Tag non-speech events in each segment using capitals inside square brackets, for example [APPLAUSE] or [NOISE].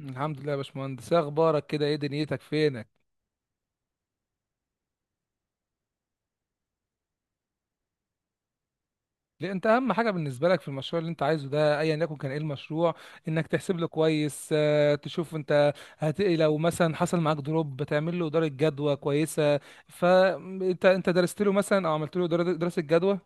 الحمد لله يا باشمهندس، إيه اخبارك؟ كده ايه دنيتك؟ فينك؟ لأ، انت اهم حاجه بالنسبه لك في المشروع اللي انت عايزه ده ايا يكن كان ايه المشروع. انك تحسب له كويس، تشوف انت لو مثلا حصل معاك دروب بتعمل له اداره جدوى كويسه. فانت انت أنت درست له مثلا او عملت له دراسه جدوى.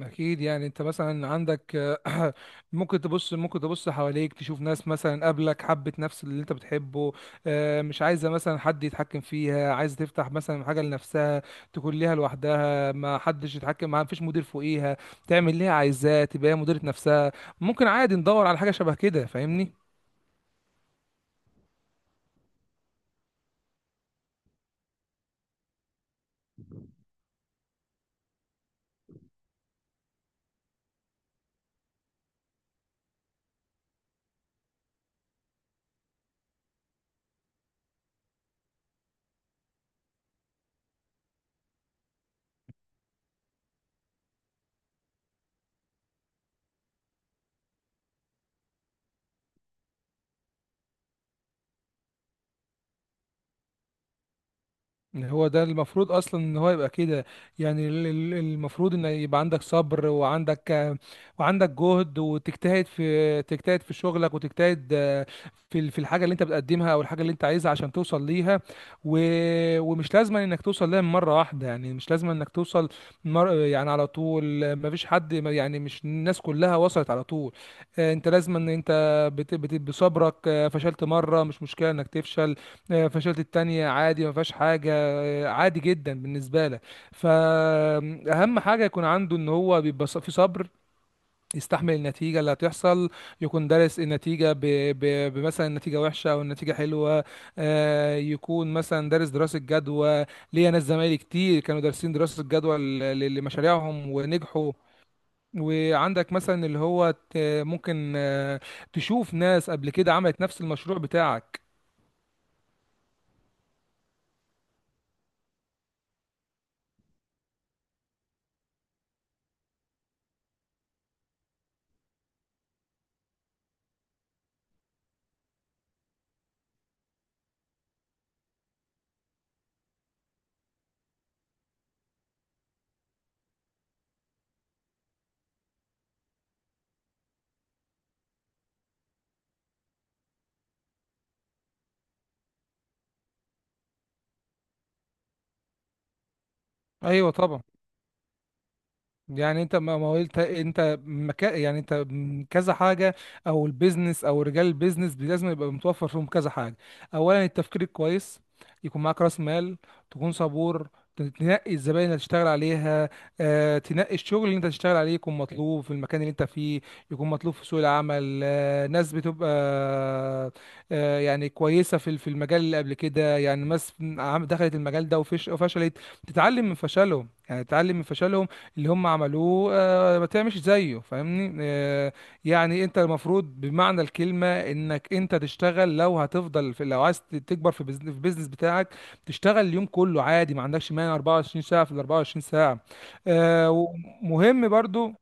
اكيد، يعني انت مثلا عندك. آه، [CLEARS THROAT] ممكن تبص حواليك تشوف ناس مثلا قبلك حبت نفس اللي انت بتحبه. مش عايزه مثلا حد يتحكم فيها، عايزه تفتح مثلا حاجه لنفسها. تكون ليها لوحدها، ما حدش يتحكم معاها، مفيش مدير فوقيها. تعمل اللي هي عايزاه، تبقى هي مديره نفسها. ممكن عادي ندور على حاجه شبه كده، فاهمني؟ إن هو ده المفروض اصلا ان هو يبقى كده. يعني المفروض ان يبقى عندك صبر، وعندك، وعندك جهد، وتجتهد في شغلك، وتجتهد. في الحاجه اللي انت بتقدمها او الحاجه اللي انت عايزها عشان توصل ليها. و... ومش لازم انك توصل ليها من مره واحده، يعني مش لازم انك توصل. يعني على طول، ما فيش حد، يعني مش الناس كلها وصلت على طول. انت لازم ان انت بصبرك. فشلت مره، مش مشكله انك تفشل. فشلت التانية عادي، ما فيهاش حاجه. عادي جدا بالنسبه لك، فاهم؟ حاجه يكون عنده ان هو بيبقى في صبر، يستحمل النتيجه اللي هتحصل. يكون دارس النتيجه، بمثلا النتيجه وحشه او النتيجه حلوه. يكون مثلا دارس دراسه جدوى. ليا ناس زمايلي كتير كانوا دارسين دراسه جدوى لمشاريعهم ونجحوا. وعندك مثلا اللي هو ممكن، تشوف ناس قبل كده عملت نفس المشروع بتاعك. ايوه طبعا. يعني انت ما قلت انت يعني انت كذا حاجه. او البيزنس او رجال البيزنس لازم يبقى متوفر فيهم كذا حاجه. اولا، التفكير الكويس. يكون معاك راس مال. تكون صبور. تنقي الزباين اللي هتشتغل عليها. تنقي الشغل اللي انت هتشتغل عليه، يكون مطلوب في المكان اللي انت فيه. يكون مطلوب في سوق العمل. ناس بتبقى، يعني كويسه في المجال اللي قبل كده، يعني ناس دخلت المجال ده وفشلت. تتعلم من فشلهم، يعني تتعلم من فشلهم اللي هم عملوه. ما تعملش زيه، فاهمني. يعني انت المفروض بمعنى الكلمة انك انت تشتغل. لو عايز تكبر في البيزنس بتاعك، تشتغل اليوم كله عادي، ما عندكش مانع 24 ساعة في ال 24 ساعة. ومهم برضو.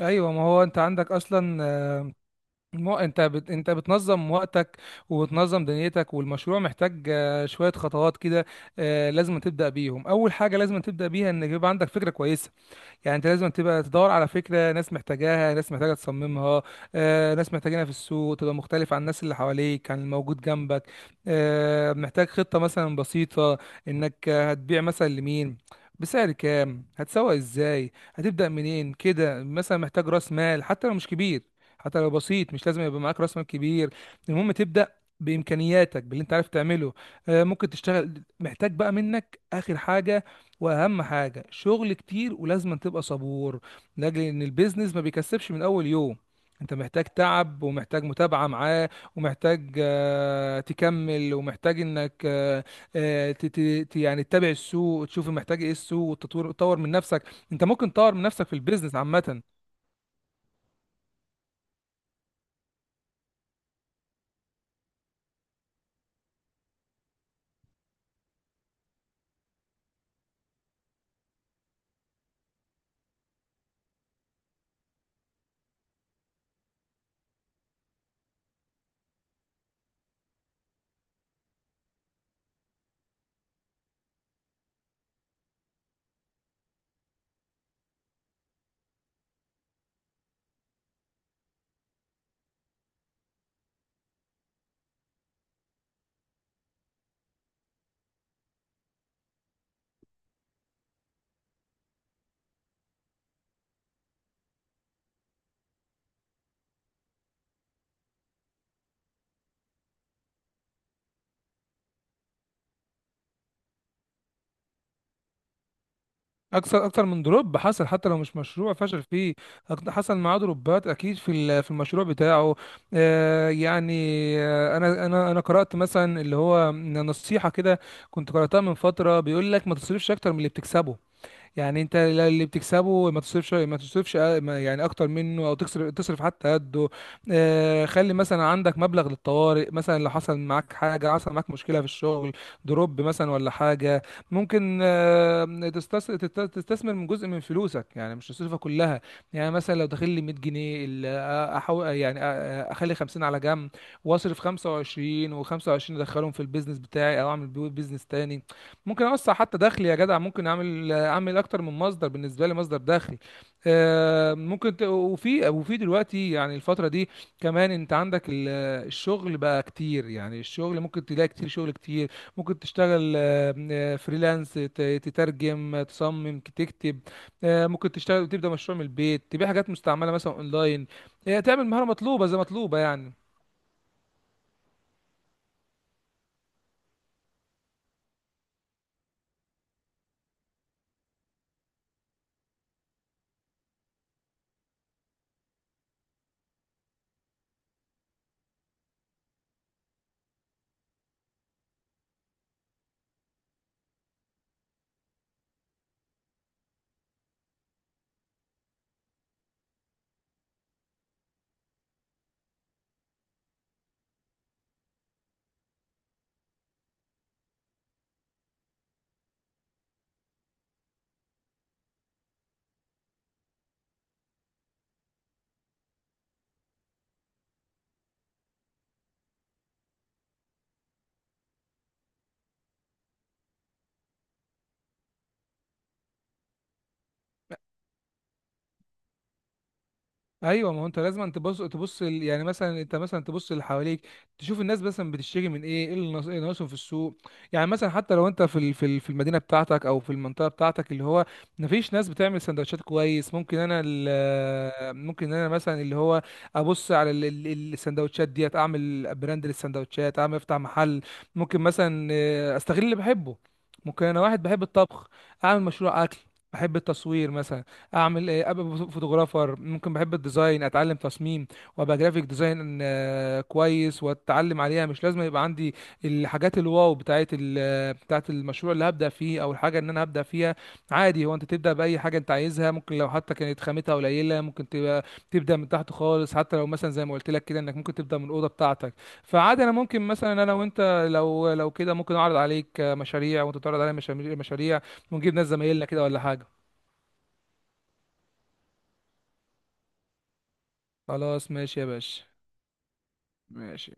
ايوه، ما هو انت عندك اصلا. انت انت بتنظم وقتك وبتنظم دنيتك، والمشروع محتاج، شويه خطوات كده. لازم تبدا بيهم. اول حاجه لازم تبدا بيها انك يبقى عندك فكره كويسه. يعني انت لازم تبقى تدور على فكره ناس محتاجاها، ناس محتاجه تصممها. ناس محتاجينها في السوق، تبقى مختلف عن الناس اللي حواليك، عن الموجود جنبك. محتاج خطه مثلا بسيطه. انك هتبيع مثلا لمين، بسعر كام، هتسوق ازاي، هتبدا منين كده مثلا. محتاج راس مال حتى لو مش كبير، حتى لو بسيط. مش لازم يبقى معاك راس مال كبير، المهم تبدا بامكانياتك، باللي انت عارف تعمله. ممكن تشتغل. محتاج بقى منك اخر حاجه واهم حاجه، شغل كتير ولازم تبقى صبور، لاجل ان البيزنس ما بيكسبش من اول يوم. انت محتاج تعب، ومحتاج متابعه معاه، ومحتاج، تكمل، ومحتاج انك، آه، ت- ت- يعني تتابع السوق وتشوف محتاج ايه السوق، وتطور من نفسك. انت ممكن تطور من نفسك في البيزنس عامه. اكثر من دروب حصل، حتى لو مش مشروع فشل فيه. حصل معاه دروبات اكيد في المشروع بتاعه. يعني، انا قرات مثلا اللي هو نصيحه كده، كنت قراتها من فتره، بيقول لك ما تصرفش اكتر من اللي بتكسبه. يعني انت اللي بتكسبه ما تصرفش يعني اكتر منه، او تكسر تصرف حتى قده. خلي مثلا عندك مبلغ للطوارئ. مثلا لو حصل معاك حاجه، حصل معاك مشكله في الشغل، دروب مثلا ولا حاجه، ممكن، تستثمر من جزء من فلوسك، يعني مش تصرفها كلها. يعني مثلا لو داخل لي 100 جنيه، يعني، اخلي 50 على جنب، واصرف 25 و25 ادخلهم في البيزنس بتاعي، او اعمل بيه بيزنس تاني. ممكن اوسع حتى دخلي يا جدع، ممكن اعمل اكتر من مصدر بالنسبه لي، مصدر دخل. ممكن وفي دلوقتي يعني الفتره دي كمان انت عندك الشغل بقى كتير، يعني الشغل ممكن تلاقي كتير، شغل كتير. ممكن تشتغل، فريلانس، تترجم، تصمم، تكتب. ممكن تشتغل وتبدا مشروع من البيت، تبيع حاجات مستعمله مثلا اونلاين. تعمل مهاره مطلوبه، زي مطلوبه يعني. ايوه، ما هو انت لازم تبص، يعني مثلا انت مثلا تبص اللي حواليك، تشوف الناس مثلا بتشتري من ايه، إيه اللي ناقصهم في السوق. يعني مثلا حتى لو انت في المدينه بتاعتك او في المنطقه بتاعتك، اللي هو مفيش ناس بتعمل سندوتشات كويس، ممكن انا، ممكن انا مثلا، اللي هو ابص على السندوتشات ديت، اعمل براند للسندوتشات، اعمل افتح محل. ممكن مثلا، استغل اللي بحبه. ممكن انا واحد بحب الطبخ، اعمل مشروع اكل. بحب التصوير مثلا، اعمل ايه؟ ابقى فوتوغرافر. ممكن بحب الديزاين، اتعلم تصميم وابقى جرافيك ديزاين، كويس واتعلم عليها. مش لازم يبقى عندي الحاجات الواو بتاعت المشروع اللي هبدا فيه او الحاجه ان انا هبدا فيها. عادي، هو انت تبدا باي حاجه انت عايزها، ممكن لو حتى كانت خامتها قليله، ممكن تبقى تبدا من تحت خالص. حتى لو مثلا زي ما قلت لك كده، انك ممكن تبدا من الاوضه بتاعتك. فعادي، انا ممكن مثلا انا وانت، لو كده ممكن اعرض عليك مشاريع، وانت تعرض عليا مشاريع، مشاريع. ونجيب ناس زمايلنا كده ولا حاجه. خلاص، ماشي يا باشا. ماشي.